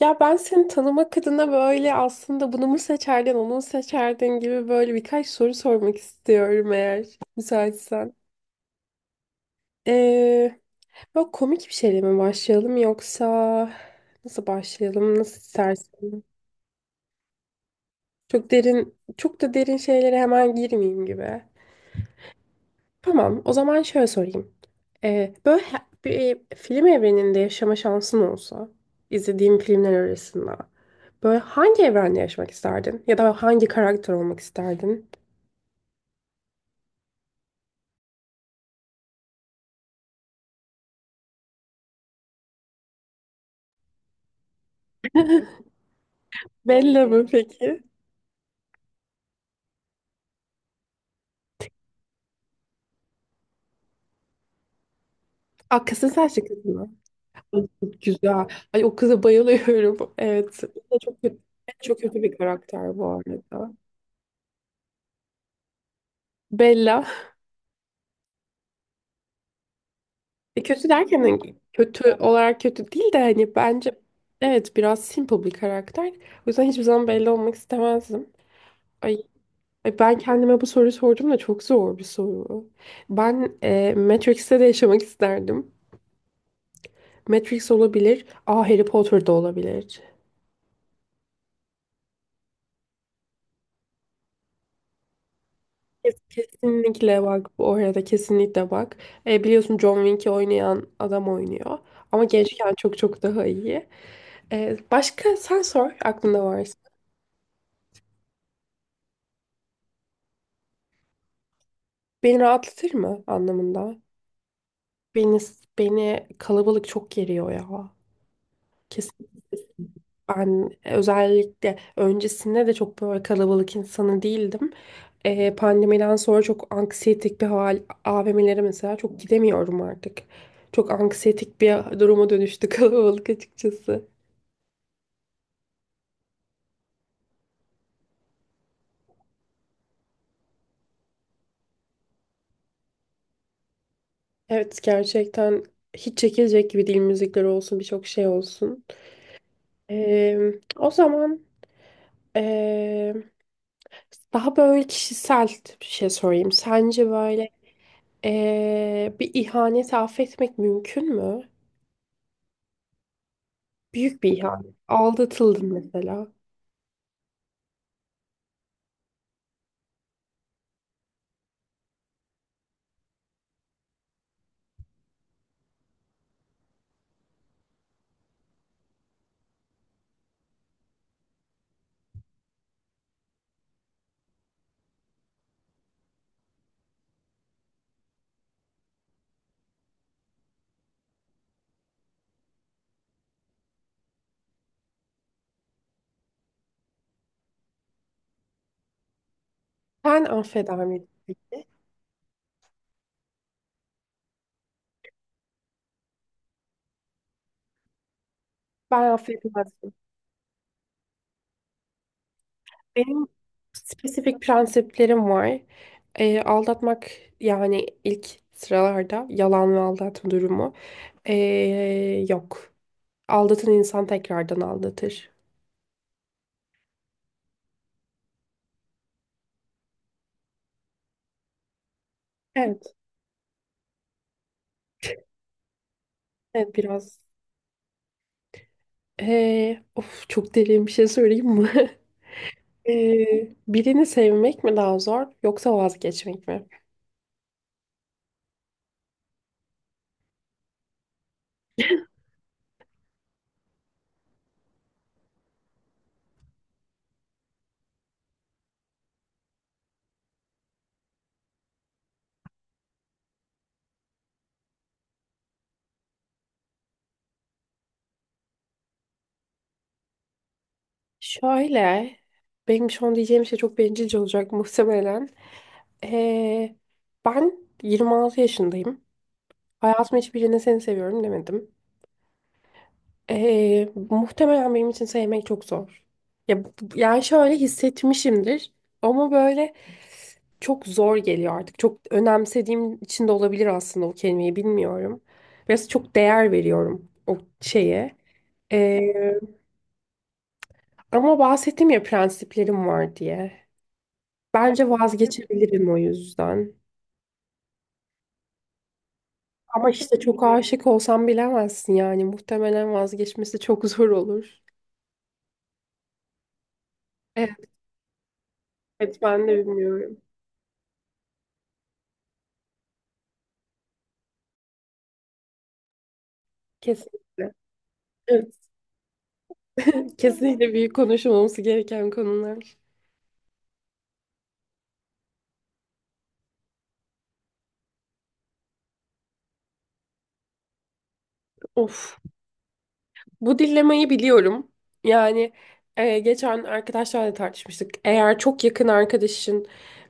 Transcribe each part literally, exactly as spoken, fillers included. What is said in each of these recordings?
Ya ben seni tanımak adına böyle aslında bunu mu seçerdin, onu mu seçerdin gibi böyle birkaç soru sormak istiyorum eğer müsaitsen. Ee, Böyle komik bir şeyle mi başlayalım yoksa nasıl başlayalım, nasıl istersin? Çok derin, çok da derin şeylere hemen girmeyeyim gibi. Tamam, o zaman şöyle sorayım. Ee, böyle he- Bir film evreninde yaşama şansın olsa, izlediğim filmler arasında. Böyle hangi evrende yaşamak isterdin? Ya da hangi karakter olmak isterdin? Bella mı peki? Aa, kızın saçlı kız mı? Ay, çok güzel. Ay o kıza bayılıyorum. Evet. O da çok kötü, çok kötü bir karakter bu arada. Bella. E, kötü derken hani kötü olarak kötü değil de hani bence evet biraz simple bir karakter. O yüzden hiçbir zaman Bella olmak istemezdim. Ay, ay, ben kendime bu soruyu sordum da çok zor bir soru. Ben e, Matrix'te de yaşamak isterdim. Matrix olabilir. Aa Harry Potter da olabilir. Kes- Kesinlikle bak, bu oraya da kesinlikle bak. E, biliyorsun John Wick'i oynayan adam oynuyor. Ama gençken çok çok daha iyi. E, başka sen sor aklında varsa. Beni rahatlatır mı anlamında? Beni, Beni kalabalık çok geriyor ya. Kesin. Ben özellikle öncesinde de çok böyle kalabalık insanı değildim. Ee, pandemiden sonra çok anksiyetik bir hal, A V M'lere mesela çok gidemiyorum artık. Çok anksiyetik bir duruma dönüştü kalabalık açıkçası. Evet, gerçekten hiç çekilecek gibi değil, müzikler olsun, birçok şey olsun. Ee, o zaman ee, Daha böyle kişisel bir şey sorayım. Sence böyle ee, bir ihaneti affetmek mümkün mü? Büyük bir ihanet. Aldatıldım mesela. Sen affeder miydin peki? Ben affetmezdim. Benim spesifik prensiplerim var. Ee, aldatmak, yani ilk sıralarda yalan ve aldatma durumu ee, yok. Aldatan insan tekrardan aldatır. Evet, evet biraz. Ee, of, çok derin bir şey söyleyeyim mi? Ee, birini sevmek mi daha zor, yoksa vazgeçmek mi? Şöyle, benim şu an diyeceğim şey çok bencilce olacak muhtemelen. Ee, Ben yirmi altı yaşındayım. Hayatımın hiçbirine seni seviyorum demedim. Ee, muhtemelen benim için sevmek çok zor. Ya, bu- yani şöyle hissetmişimdir ama böyle çok zor geliyor artık. Çok önemsediğim için de olabilir aslında, o kelimeyi bilmiyorum. Biraz çok değer veriyorum o şeye. Ee, Ama bahsettim ya prensiplerim var diye. Bence vazgeçebilirim o yüzden. Ama işte çok aşık olsam bilemezsin yani. Muhtemelen vazgeçmesi çok zor olur. Evet, evet ben de bilmiyorum. Kesinlikle. Evet. Kesinlikle büyük konuşulması gereken konular. Of. Bu dilemayı biliyorum. Yani e, geçen arkadaşlarla da tartışmıştık. Eğer çok yakın arkadaşın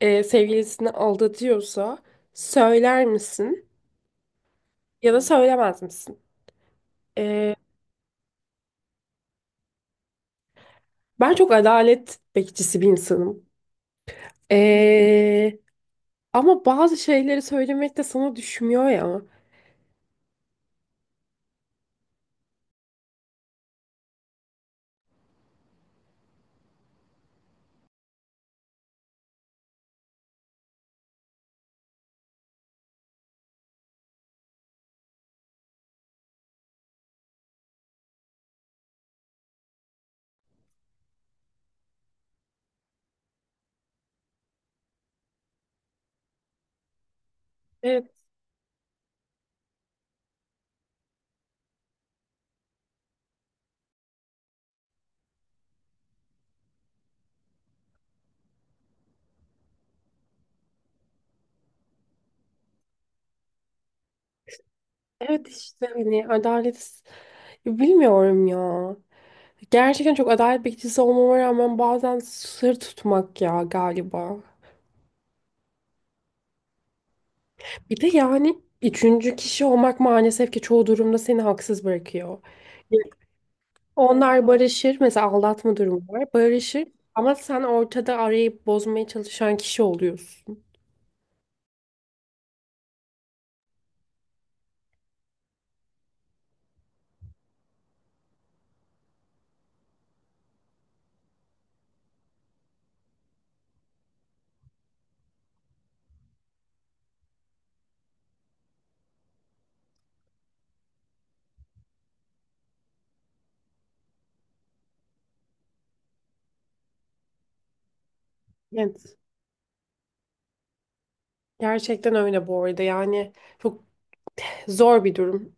e, sevgilisini aldatıyorsa söyler misin ya da söylemez misin? E, Ben çok adalet bekçisi bir insanım. Ee, Ama bazı şeyleri söylemek de sana düşmüyor ya. Evet. Evet işte hani adalet, bilmiyorum ya. Gerçekten çok adalet bekçisi olmama rağmen bazen sır tutmak ya galiba. Bir de yani üçüncü kişi olmak maalesef ki çoğu durumda seni haksız bırakıyor. Evet. Onlar barışır mesela, aldatma durumu var, barışır ama sen ortada arayı bozmaya çalışan kişi oluyorsun. Evet. Gerçekten öyle bu arada. Yani çok zor bir durum.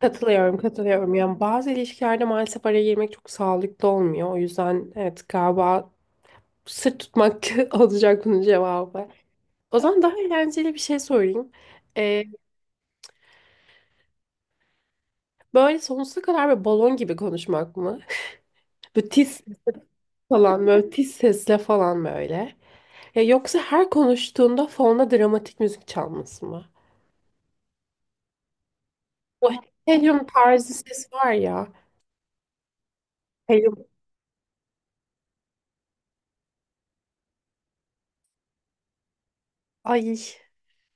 Katılıyorum, katılıyorum. Yani bazı ilişkilerde maalesef araya girmek çok sağlıklı olmuyor. O yüzden evet, galiba sırt tutmak olacak bunun cevabı. O zaman daha eğlenceli bir şey sorayım. Ee, Böyle sonsuza kadar böyle balon gibi konuşmak mı? Böyle tiz falan, böyle tiz sesle falan böyle. Ya yoksa her konuştuğunda fonda dramatik müzik çalması mı? O helyum tarzı ses var ya. Helyum. Ay,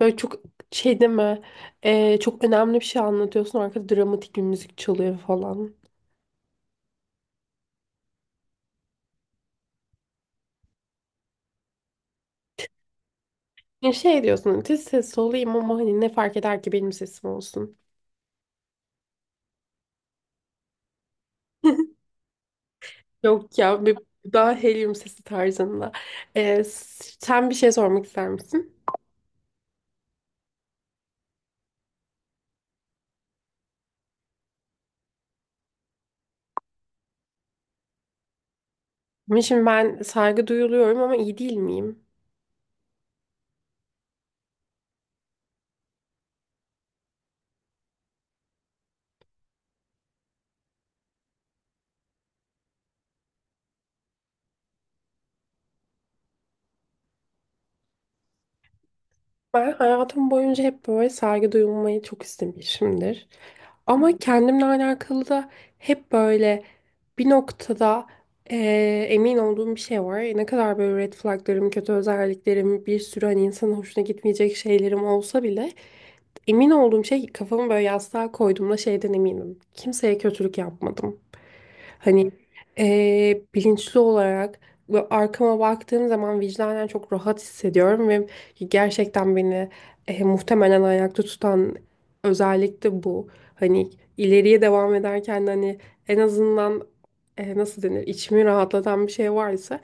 böyle çok şey deme, e, çok önemli bir şey anlatıyorsun, arkada dramatik bir müzik çalıyor falan. Ya şey diyorsun hani "Tiz sesli olayım ama hani ne fark eder ki benim sesim olsun." Yok ya, bir daha helyum sesi tarzında. E, s- sen bir şey sormak ister misin? Ama şimdi ben saygı duyuluyorum ama iyi değil miyim? Ben hayatım boyunca hep böyle saygı duyulmayı çok istemişimdir. Ama kendimle alakalı da hep böyle bir noktada eee, emin olduğum bir şey var. Ne kadar böyle red flaglarım, kötü özelliklerim, bir sürü hani insanın hoşuna gitmeyecek şeylerim olsa bile emin olduğum şey, kafamı böyle yastığa koyduğumda şeyden eminim. Kimseye kötülük yapmadım. Hani eee, bilinçli olarak ve arkama baktığım zaman vicdanen çok rahat hissediyorum ve gerçekten beni eh, muhtemelen ayakta tutan özellik de bu. Hani ileriye devam ederken de hani en azından e, nasıl denir, içimi rahatlatan bir şey varsa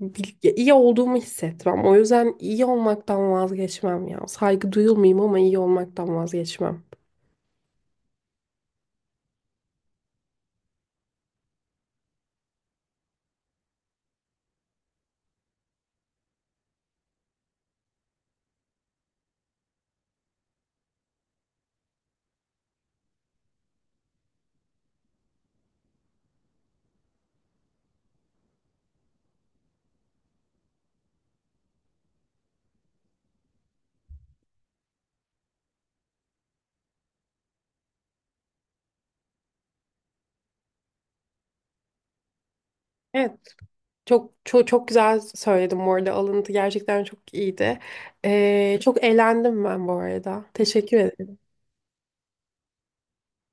bil- ya iyi olduğumu hissetmem. O yüzden iyi olmaktan vazgeçmem ya. Saygı duyulmayayım ama iyi olmaktan vazgeçmem. Evet, çok çok çok güzel söyledim bu arada. Alıntı gerçekten çok iyiydi. E, çok eğlendim ben bu arada. Teşekkür ederim.